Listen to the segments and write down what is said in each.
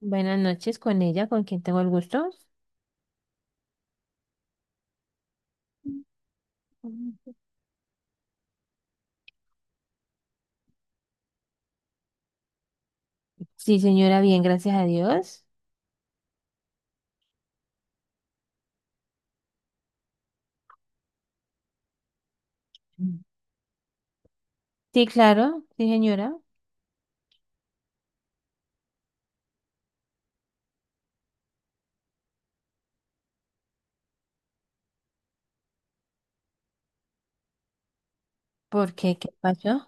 Buenas noches con ella, con quien tengo el gusto. Sí, señora, bien, gracias a Dios. Mm. Sí, claro, sí, señora. ¿Por qué? ¿Qué pasó?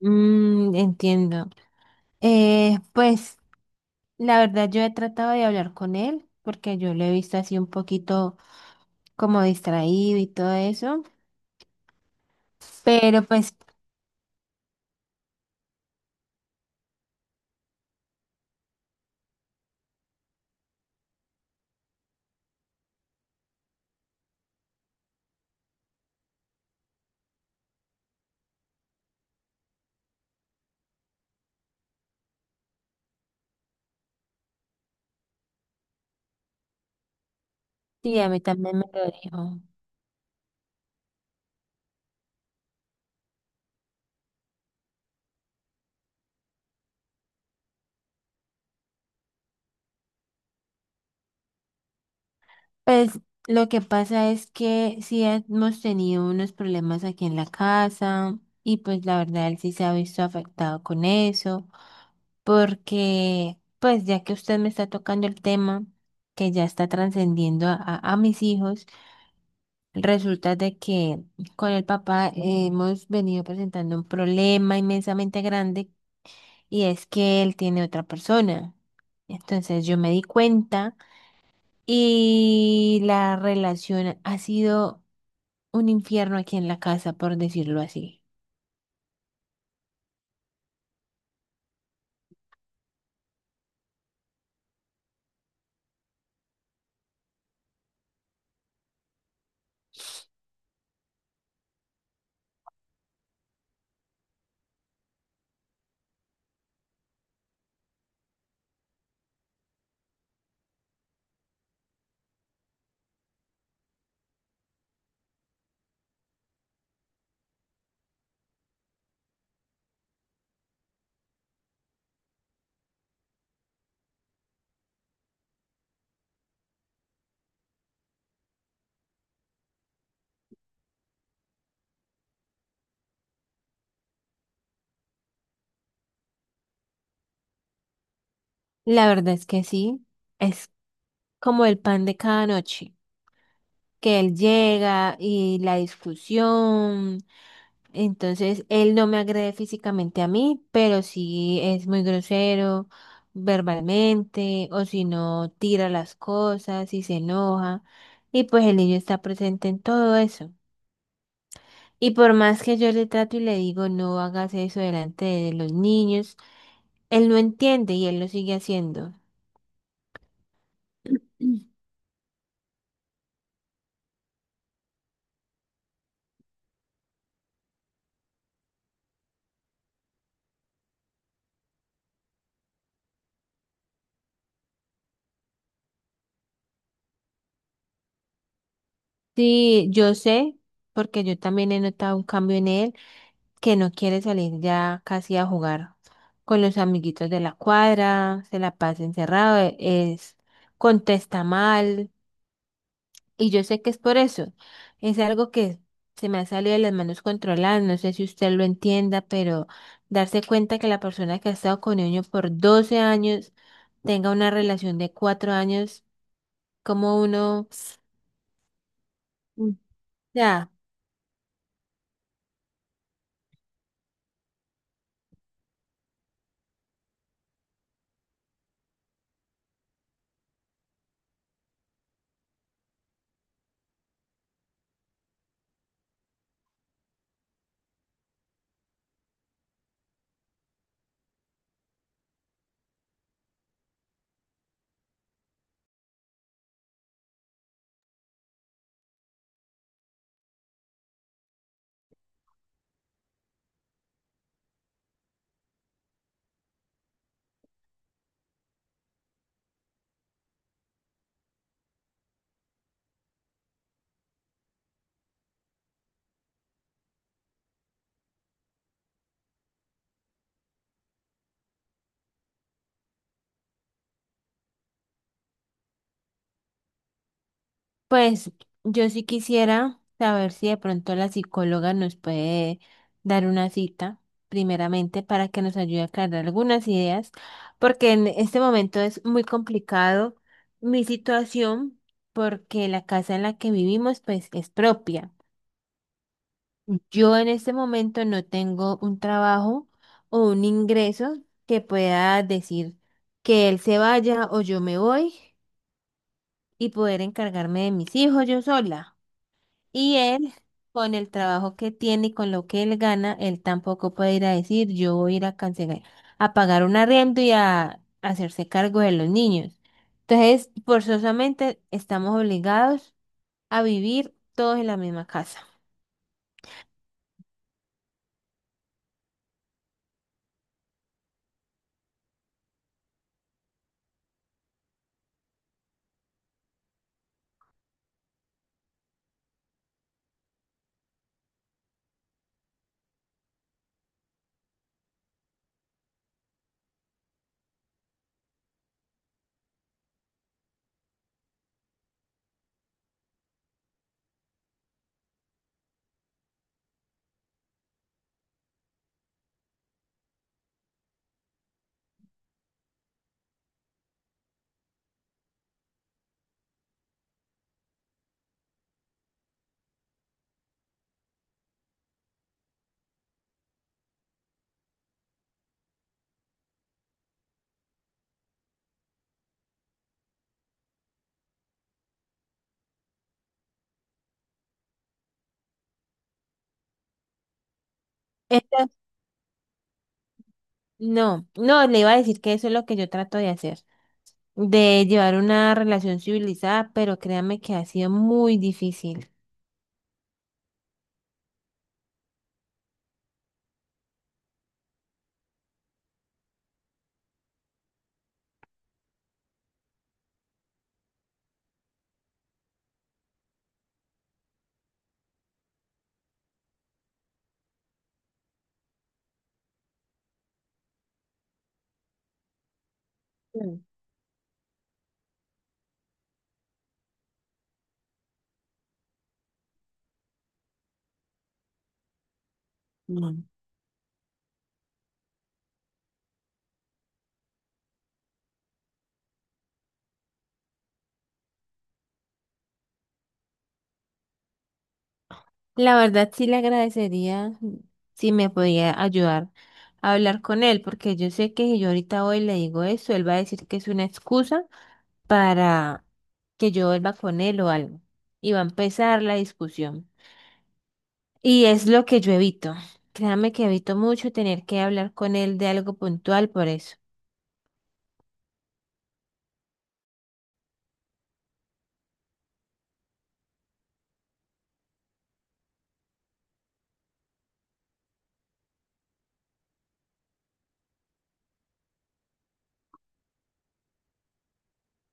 Mm, entiendo. Pues la verdad yo he tratado de hablar con él porque yo lo he visto así un poquito como distraído y todo eso, pero pues sí, a mí también me lo dijo. Pues lo que pasa es que sí hemos tenido unos problemas aquí en la casa y pues la verdad él sí se ha visto afectado con eso, porque pues ya que usted me está tocando el tema que ya está trascendiendo a, a mis hijos, resulta de que con el papá hemos venido presentando un problema inmensamente grande y es que él tiene otra persona. Entonces yo me di cuenta y la relación ha sido un infierno aquí en la casa, por decirlo así. La verdad es que sí, es como el pan de cada noche, que él llega y la discusión. Entonces, él no me agrede físicamente a mí, pero sí es muy grosero verbalmente, o si no, tira las cosas y se enoja. Y pues el niño está presente en todo eso. Y por más que yo le trato y le digo, no hagas eso delante de los niños, él no entiende y él lo sigue haciendo. Sí, yo sé, porque yo también he notado un cambio en él, que no quiere salir ya casi a jugar con los amiguitos de la cuadra, se la pasa encerrado, es, contesta mal, y yo sé que es por eso. Es algo que se me ha salido de las manos controladas, no sé si usted lo entienda, pero darse cuenta que la persona que ha estado con niño por 12 años tenga una relación de 4 años, como uno... Ya. Pues yo sí quisiera saber si de pronto la psicóloga nos puede dar una cita, primeramente, para que nos ayude a aclarar algunas ideas, porque en este momento es muy complicado mi situación, porque la casa en la que vivimos, pues, es propia. Yo en este momento no tengo un trabajo o un ingreso que pueda decir que él se vaya o yo me voy y poder encargarme de mis hijos yo sola. Y él, con el trabajo que tiene y con lo que él gana, él tampoco puede ir a decir, yo voy a ir a cancelar, a pagar un arriendo y a hacerse cargo de los niños. Entonces, forzosamente estamos obligados a vivir todos en la misma casa. Entonces, no, no, le iba a decir que eso es lo que yo trato de hacer, de llevar una relación civilizada, pero créame que ha sido muy difícil. Mm. La verdad sí le agradecería si me podía ayudar a hablar con él, porque yo sé que si yo ahorita hoy le digo eso, él va a decir que es una excusa para que yo vuelva con él o algo. Y va a empezar la discusión. Y es lo que yo evito. Créame que evito mucho tener que hablar con él de algo puntual por eso.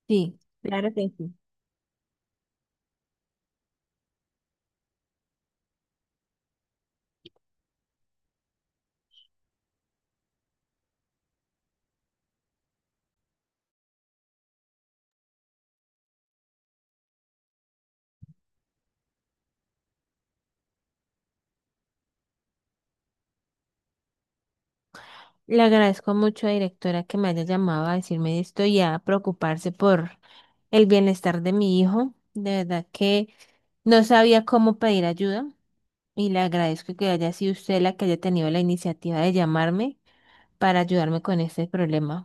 Sí, claro que sí. Le agradezco mucho, directora, que me haya llamado a decirme esto y a preocuparse por el bienestar de mi hijo. De verdad que... No sabía cómo pedir ayuda y le agradezco que haya sido usted la que haya tenido la iniciativa de llamarme para ayudarme con este problema.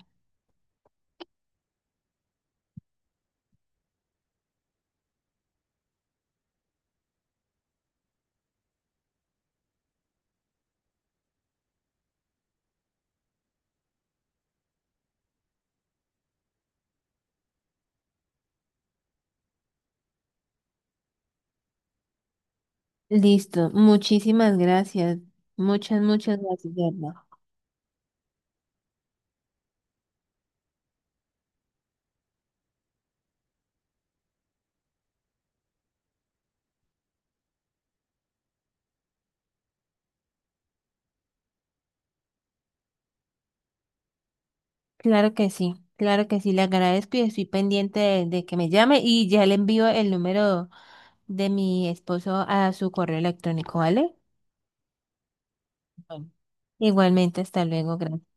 Listo, muchísimas gracias. Muchas, muchas gracias, de verdad. Claro que sí, le agradezco y estoy pendiente de que me llame y ya le envío el número de mi esposo a su correo electrónico, ¿vale? Bueno. Igualmente, hasta luego, gracias.